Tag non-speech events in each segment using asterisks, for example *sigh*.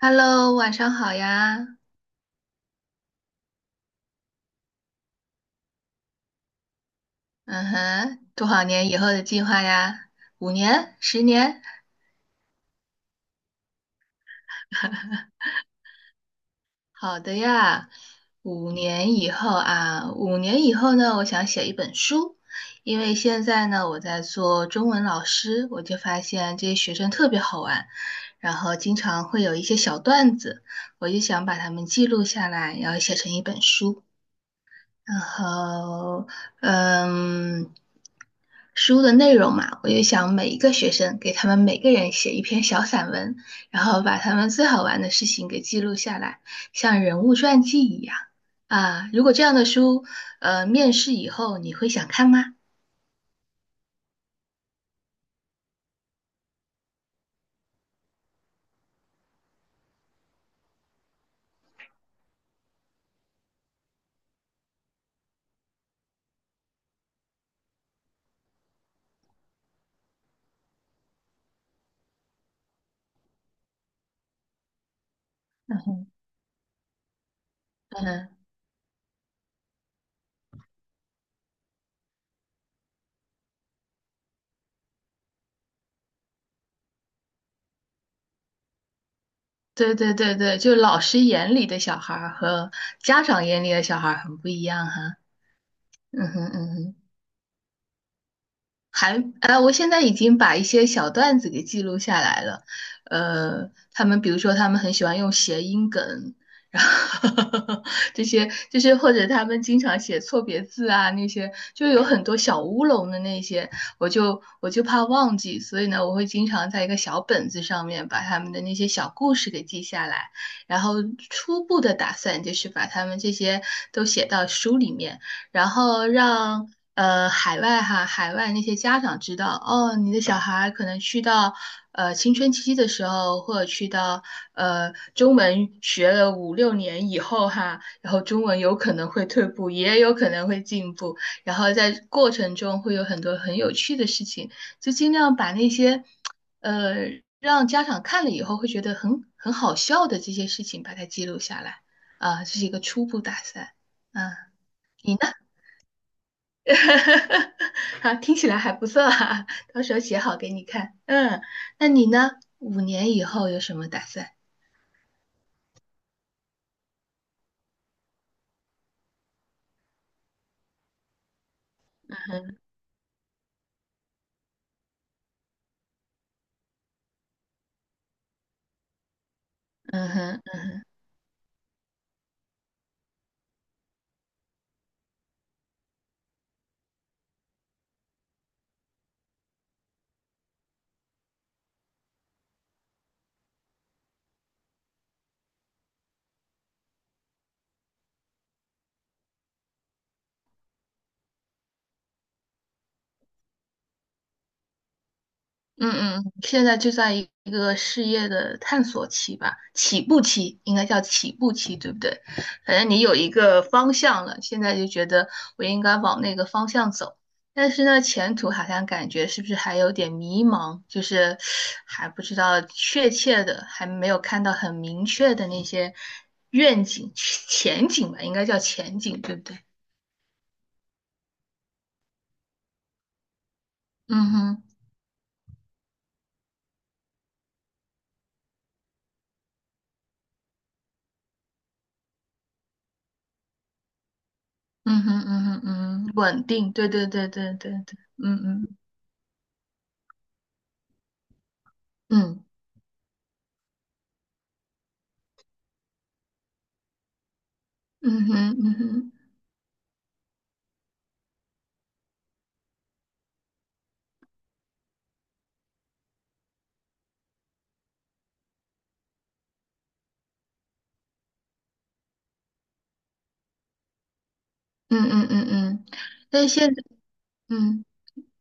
Hello,晚上好呀。嗯哼，多少年以后的计划呀？五年、十年？*laughs* 好的呀，五年以后啊，五年以后呢，我想写一本书，因为现在呢，我在做中文老师，我就发现这些学生特别好玩，然后经常会有一些小段子，我就想把它们记录下来，然后写成一本书。然后，嗯，书的内容嘛，我就想每一个学生给他们每个人写一篇小散文，然后把他们最好玩的事情给记录下来，像人物传记一样啊。如果这样的书，面试以后你会想看吗？嗯，对对对对，就老师眼里的小孩儿和家长眼里的小孩儿很不一样哈。嗯哼嗯哼。我现在已经把一些小段子给记录下来了。他们比如说，他们很喜欢用谐音梗，然后 *laughs* 这些就是或者他们经常写错别字啊，那些就有很多小乌龙的那些，我就怕忘记，所以呢，我会经常在一个小本子上面把他们的那些小故事给记下来，然后初步的打算就是把他们这些都写到书里面。然后让海外那些家长知道，哦，你的小孩可能去到青春期的时候，或者去到中文学了五六年以后哈，然后中文有可能会退步，也有可能会进步，然后在过程中会有很多很有趣的事情，就尽量把那些呃让家长看了以后会觉得很好笑的这些事情把它记录下来啊，这是一个初步打算嗯，你呢？*laughs* 好，听起来还不错啊，到时候写好给你看。嗯，那你呢？五年以后有什么打算？嗯哼。嗯嗯，现在就在一个事业的探索期吧，起步期应该叫起步期，对不对？反正你有一个方向了，现在就觉得我应该往那个方向走，但是呢，前途好像感觉是不是还有点迷茫，就是还不知道确切的，还没有看到很明确的那些愿景、前景吧，应该叫前景，对不对？嗯哼，嗯哼，嗯哼，嗯哼，稳定，对对对对对对，嗯嗯嗯。嗯哼，嗯哼，嗯嗯嗯嗯，但现在，嗯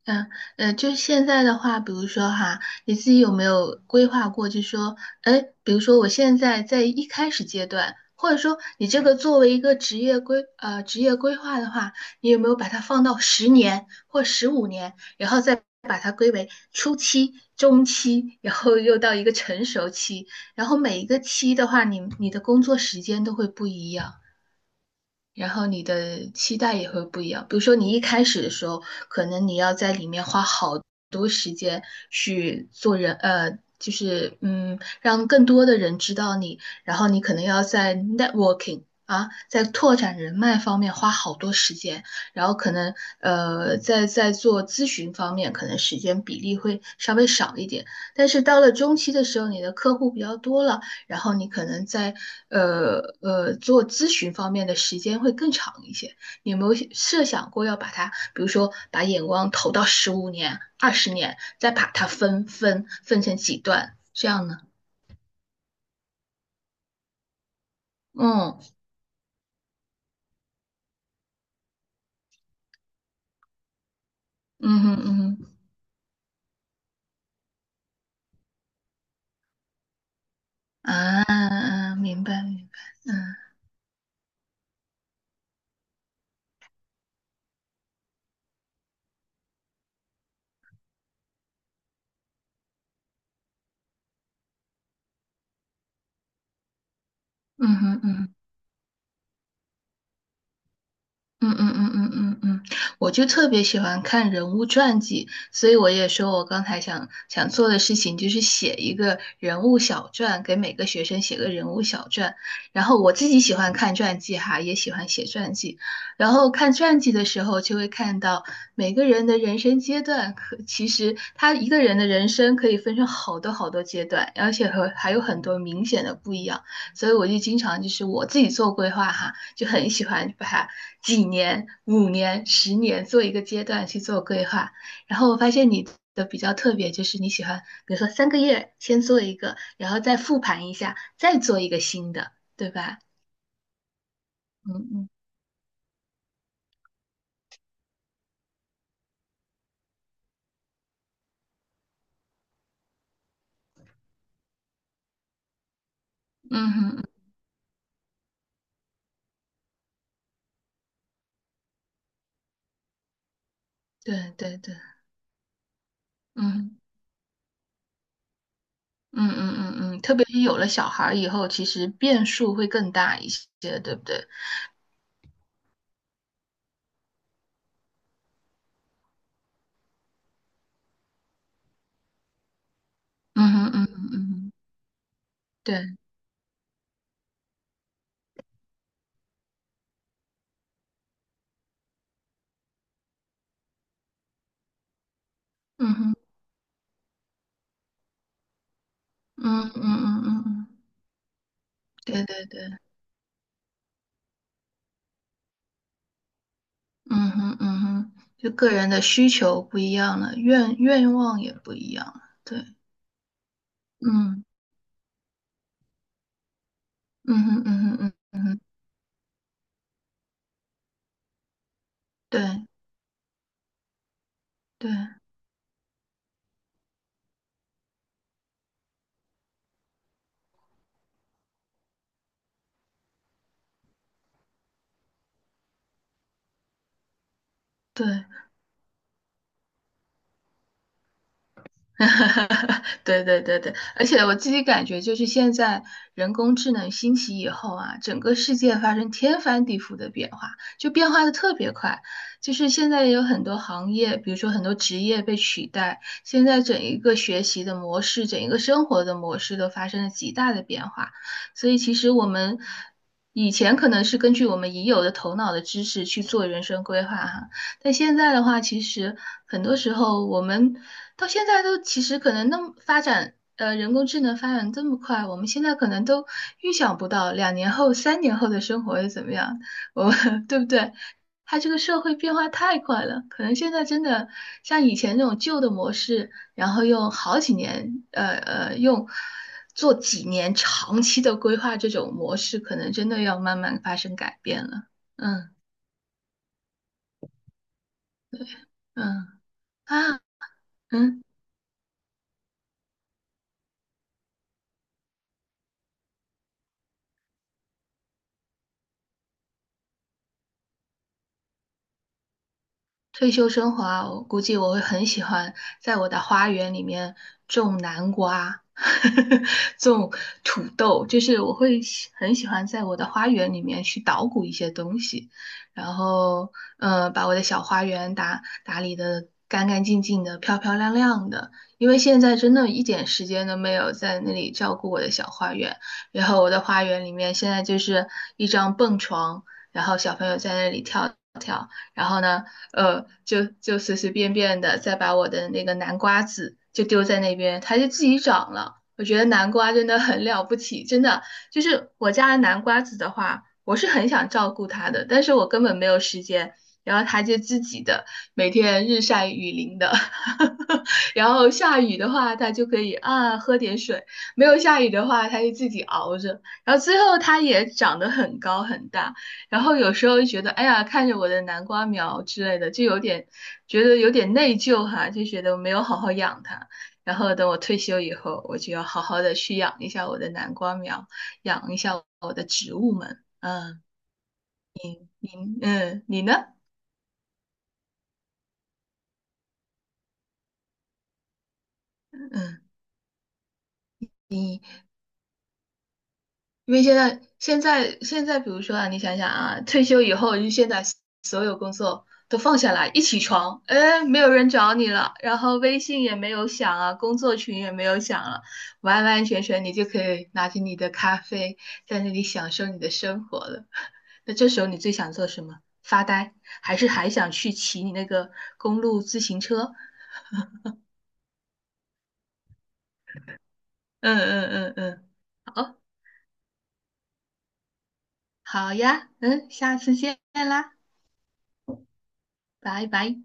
嗯就是现在的话，比如说哈，你自己有没有规划过，就说，哎，比如说我现在在一开始阶段，或者说你这个作为一个职业规划的话，你有没有把它放到十年或十五年，然后再把它归为初期、中期，然后又到一个成熟期，然后每一个期的话，你的工作时间都会不一样。然后你的期待也会不一样。比如说，你一开始的时候，可能你要在里面花好多时间去做人，就是让更多的人知道你，然后你可能要在 networking 啊，在拓展人脉方面花好多时间，然后可能在做咨询方面，可能时间比例会稍微少一点。但是到了中期的时候，你的客户比较多了。然后你可能在做咨询方面的时间会更长一些。你有没有设想过要把它，比如说把眼光投到十五年、二十年，再把它分成几段这样呢？嗯嗯哼嗯哼啊，明白明白，嗯嗯哼嗯哼嗯嗯嗯嗯嗯嗯，我就特别喜欢看人物传记，所以我也说我刚才想做的事情就是写一个人物小传，给每个学生写个人物小传。然后我自己喜欢看传记哈，也喜欢写传记。然后看传记的时候，就会看到每个人的人生阶段，可其实他一个人的人生可以分成好多好多阶段，而且和还有很多明显的不一样。所以我就经常就是我自己做规划哈，就很喜欢把。几年、五年、十年做一个阶段去做规划。然后我发现你的比较特别，就是你喜欢，比如说三个月先做一个，然后再复盘一下，再做一个新的，对吧？嗯嗯嗯嗯嗯，对对对，嗯嗯嗯嗯嗯，特别是有了小孩儿以后，其实变数会更大一些，对不对？嗯哼嗯嗯嗯哼，对，嗯哼嗯嗯嗯嗯嗯，对对对。嗯哼，嗯哼，就个人的需求不一样了，愿望也不一样了。对，嗯，嗯哼，嗯哼，嗯哼，对，对，对。*laughs* 对对对对，而且我自己感觉，就是现在人工智能兴起以后啊，整个世界发生天翻地覆的变化，就变化的特别快。就是现在也有很多行业，比如说很多职业被取代，现在整一个学习的模式，整一个生活的模式都发生了极大的变化。所以其实我们以前可能是根据我们已有的头脑的知识去做人生规划哈，但现在的话，其实很多时候我们到现在都其实可能那么发展，人工智能发展这么快，我们现在可能都预想不到两年后、三年后的生活会怎么样，我 *laughs* 对不对？它这个社会变化太快了，可能现在真的像以前那种旧的模式，然后用好几年，用做几年长期的规划这种模式，可能真的要慢慢发生改变了。嗯嗯啊嗯。退休生活啊，我估计我会很喜欢在我的花园里面种南瓜，*laughs* 种土豆，就是我会很喜欢在我的花园里面去捣鼓一些东西，然后把我的小花园打打理的干干净净的、漂漂亮亮的。因为现在真的一点时间都没有在那里照顾我的小花园，然后我的花园里面现在就是一张蹦床，然后小朋友在那里跳。然后呢，就随随便便的再把我的那个南瓜籽就丢在那边，它就自己长了。我觉得南瓜真的很了不起，真的就是我家的南瓜籽的话，我是很想照顾它的，但是我根本没有时间。然后它就自己的每天日晒雨淋的，*laughs* 然后下雨的话，它就可以啊喝点水；没有下雨的话，它就自己熬着。然后最后它也长得很高很大，然后有时候就觉得，哎呀，看着我的南瓜苗之类的，就有点觉得有点内疚哈，就觉得我没有好好养它。然后等我退休以后，我就要好好的去养一下我的南瓜苗，养一下我的植物们。嗯，你嗯，你呢？嗯。因为现在,比如说啊，你想想啊，退休以后，就现在所有工作都放下来，一起床，哎，没有人找你了，然后微信也没有响啊，工作群也没有响了，完完全全你就可以拿着你的咖啡，在那里享受你的生活了。*laughs* 那这时候你最想做什么？发呆，还是还想去骑你那个公路自行车？嗯嗯嗯嗯，好，好呀，嗯，下次见啦，拜拜。